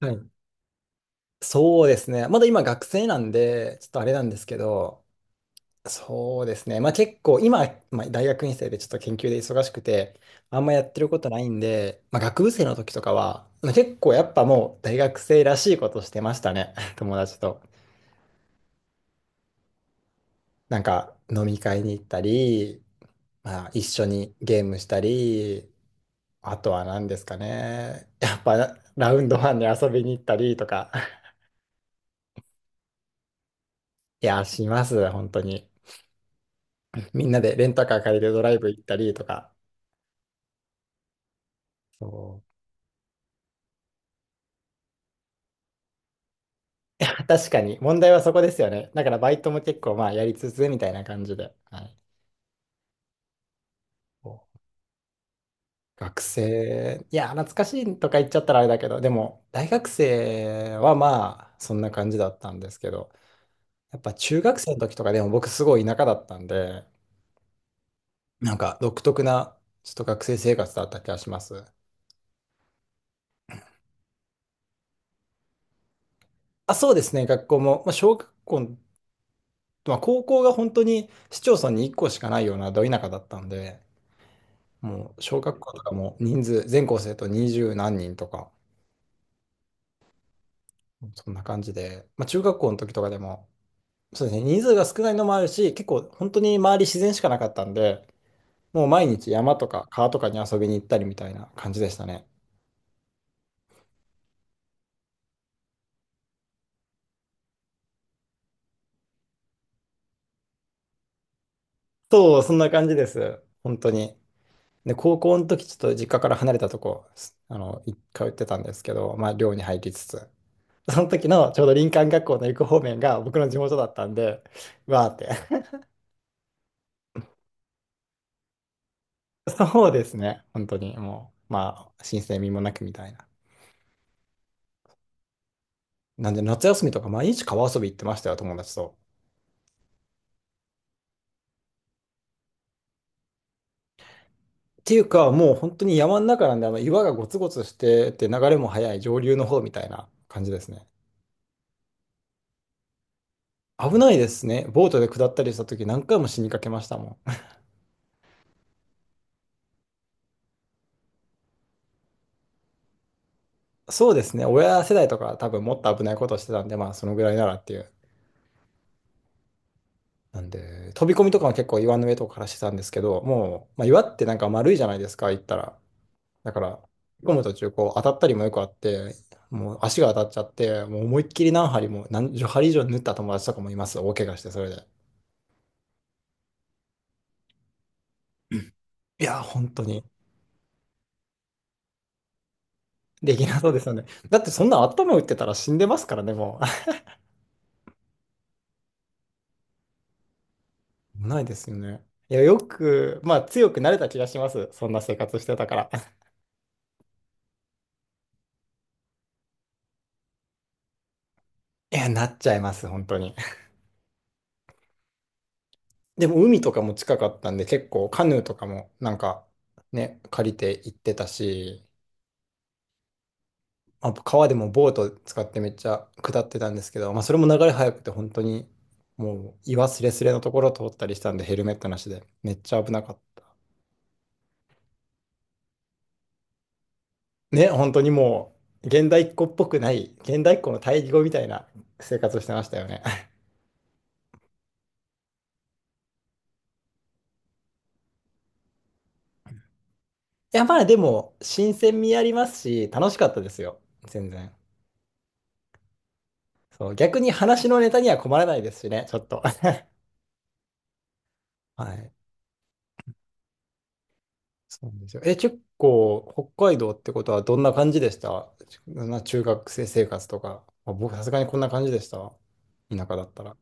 はい。そうですね。まだ今学生なんで、ちょっとあれなんですけど、そうですね。まあ結構今、まあ、大学院生でちょっと研究で忙しくて、あんまやってることないんで、まあ学部生の時とかは、まあ結構やっぱもう大学生らしいことしてましたね。友達と。なんか飲み会に行ったり、まあ一緒にゲームしたり、あとは何ですかね。やっぱラウンドワンに遊びに行ったりとか、いや、します、本当に。みんなでレンタカー借りてドライブ行ったりとか。そう。確かに、問題はそこですよね。だからバイトも結構まあやりつつみたいな感じで。はい。そう学生、いや、懐かしいとか言っちゃったらあれだけど、でも、大学生はまあ、そんな感じだったんですけど、やっぱ中学生の時とかでも僕すごい田舎だったんで、なんか独特な、ちょっと学生生活だった気がします。あ、そうですね、学校も、まあ、小学校、まあ、高校が本当に市町村に1校しかないようなど田舎だったんで、もう小学校とかも人数、全校生徒二十何人とか、そんな感じで、まあ、中学校の時とかでも、そうですね、人数が少ないのもあるし、結構本当に周り自然しかなかったんで、もう毎日山とか川とかに遊びに行ったりみたいな感じでしたね。そう、そんな感じです。本当に。で、高校の時ちょっと実家から離れたとこ、すあの、い通ってたんですけど、まあ寮に入りつつ、その時のちょうど林間学校の行く方面が僕の地元だったんで、わーってそうですね。本当に、もう、まあ、申請味もなくみたいな。なんで、夏休みとか毎日川遊び行ってましたよ、友達と。っていうか、もう本当に山の中なんで、あの岩がゴツゴツしてて、流れも速い上流の方みたいな感じですね。危ないですね。ボートで下ったりした時何回も死にかけましたもん。そうですね。親世代とか多分もっと危ないことをしてたんで、まあそのぐらいならっていう。なんで、飛び込みとかも結構岩の上とかからしてたんですけど、もう、まあ、岩ってなんか丸いじゃないですか、行ったら。だから、引っ込む途中、こう、当たったりもよくあって、もう足が当たっちゃって、もう思いっきり何針も、何十針以上縫った友達とかもいます。大怪我して、それで。いや、本当に。できなそうですよね。だってそんな頭打ってたら死んでますからね、もう。ないですよね。いや、よく、まあ強くなれた気がします。そんな生活してたから。いや、なっちゃいます、本当に。でも海とかも近かったんで、結構カヌーとかもなんかね、借りて行ってたし、まあ、川でもボート使ってめっちゃ下ってたんですけど、まあ、それも流れ速くて本当にもう岩すれすれのところを通ったりしたんでヘルメットなしでめっちゃ危なかった。ね、本当にもう現代っ子っぽくない現代っ子の対義語みたいな生活をしてましたよね。いやまあでも新鮮味ありますし楽しかったですよ。全然。そう、逆に話のネタには困らないですしね、ちょっと。はい。そうなんですよ。え、結構、北海道ってことはどんな感じでしたちな中学生生活とか。まあ、僕、さすがにこんな感じでした。田舎だったら。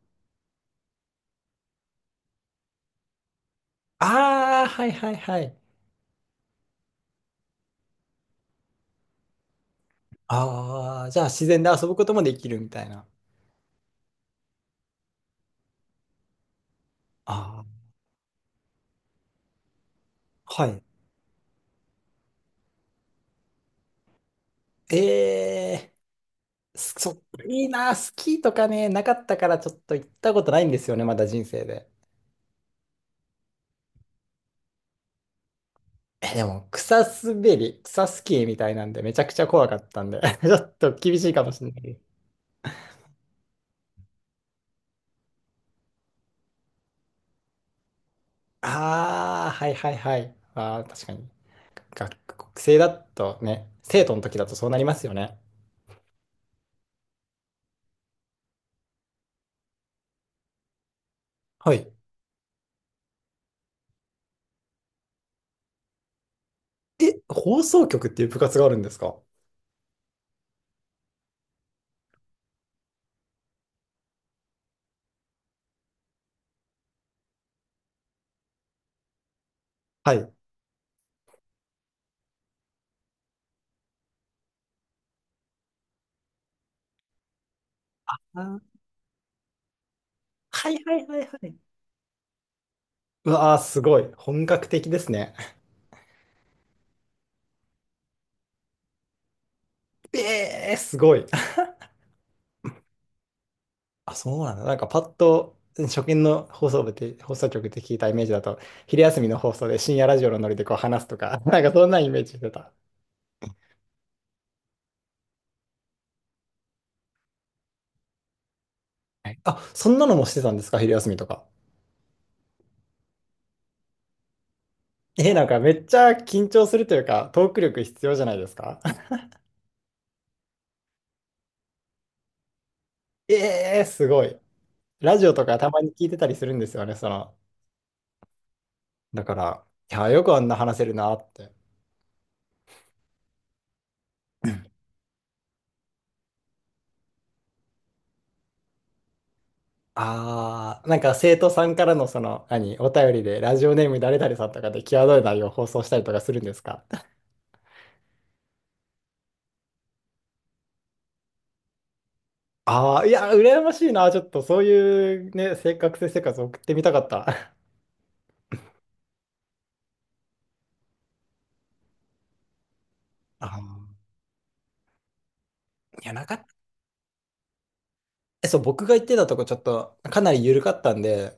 ああ、はいはいはい。ああ、じゃあ自然で遊ぶこともできるみたいな。ああ、はい。ええー、そっか、いいな、スキーとかね、なかったからちょっと行ったことないんですよね、まだ人生で。え、でも、草滑り、草スキーみたいなんで、めちゃくちゃ怖かったんで、ちょっと厳しいかもしれない。ああ、はいはいはい。ああ、確かに。学生だとね、生徒の時だとそうなりますよね。はい。え、放送局っていう部活があるんですか？はい。あー、はいはいはいはい。うわあ、すごい。本格的ですね。ええー、すごい。あ、そうなんだ。なんかパッと、初見の放送部って、放送局って聞いたイメージだと、昼休みの放送で深夜ラジオのノリでこう話すとか、なんかそんなイメージしてた。はい。あ、そんなのもしてたんですか？昼休みとか。え、なんかめっちゃ緊張するというか、トーク力必要じゃないですか？ ええーすごい。ラジオとかたまに聞いてたりするんですよね、その。だから、いや、よくあんな話せるなって。ああ、なんか生徒さんからのその、何、お便りで、ラジオネーム誰々さんとかで際どい内容を放送したりとかするんですか？あ あー、いや、羨ましいな。ちょっとそういうね、生活を送ってみたかった。あーいや、なかった。え、そう、僕が行ってたとこちょっとかなり緩かったんで、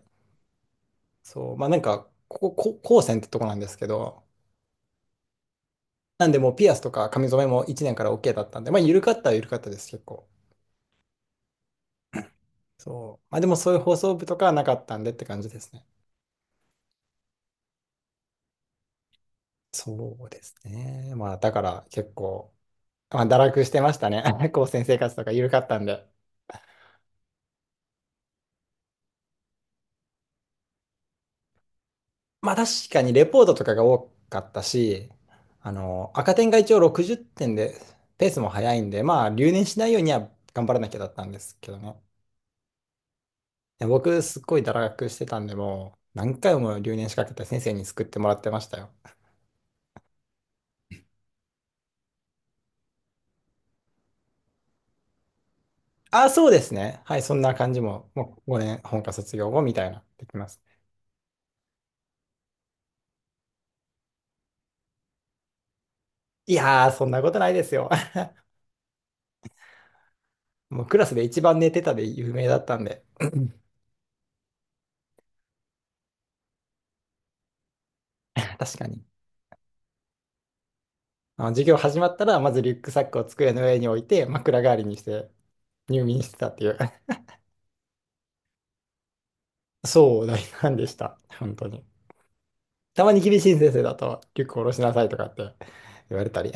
そう、まあなんか、ここ、こ高専ってとこなんですけど、なんでもうピアスとか髪染めも1年から OK だったんで、まあ緩かったは緩かったです、結構。そう。まあでもそういう放送部とかはなかったんでって感じですね。そうですね。まあだから結構、まあ堕落してましたね。高専生活とか緩かったんで。まあ確かにレポートとかが多かったし、あの、赤点が一応60点で、ペースも速いんで、まあ留年しないようには頑張らなきゃだったんですけどね。や僕、すっごい堕落してたんで、もう、何回も留年しかけて先生に救ってもらってましたよ。あ、そうですね。はい、そんな感じも、もう5年、本科卒業後みたいな、できます。いやー、そんなことないですよ。もうクラスで一番寝てたで有名だったんで、確かに。あの、授業始まったら、まずリュックサックを机の上に置いて、枕代わりにして入眠してたっていう。そう大んでした。本当に。たまに厳しい先生だと、リュック下ろしなさいとかって言われたり。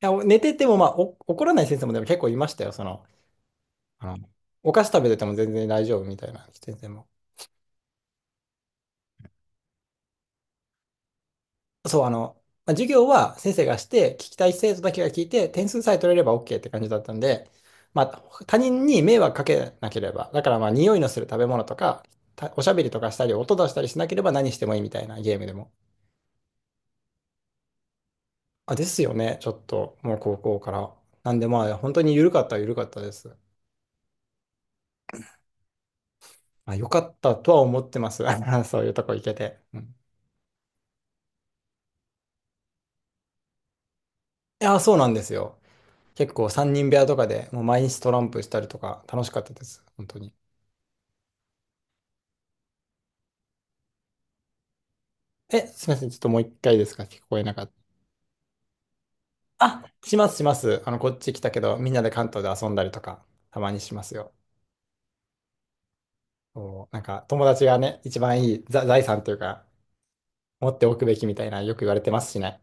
や、お寝てても、まあ、お怒らない先生もでも結構いましたよ。その、あの、お菓子食べてても全然大丈夫みたいな先生も。そう、あの、まあ授業は先生がして、聞きたい生徒だけが聞いて、点数さえ取れれば OK って感じだったんで、まあ、他人に迷惑かけなければ、だからまあ、匂いのする食べ物とか、たおしゃべりとかしたり、音出したりしなければ何してもいいみたいな。ゲームでも。あ、ですよね、ちょっと、もう高校から。なんでまあ、本当に緩かったは緩かったです。まあ、よかったとは思ってます。そういうとこ行けて。うん。いや、そうなんですよ。結構3人部屋とかでもう毎日トランプしたりとか楽しかったです。本当に。え、すみません。ちょっともう一回ですか？聞こえなかった。あ、しますします。あの、こっち来たけど、みんなで関東で遊んだりとか、たまにしますよ。そう、なんか友達がね、一番いいざ財産というか、持っておくべきみたいなよく言われてますしね。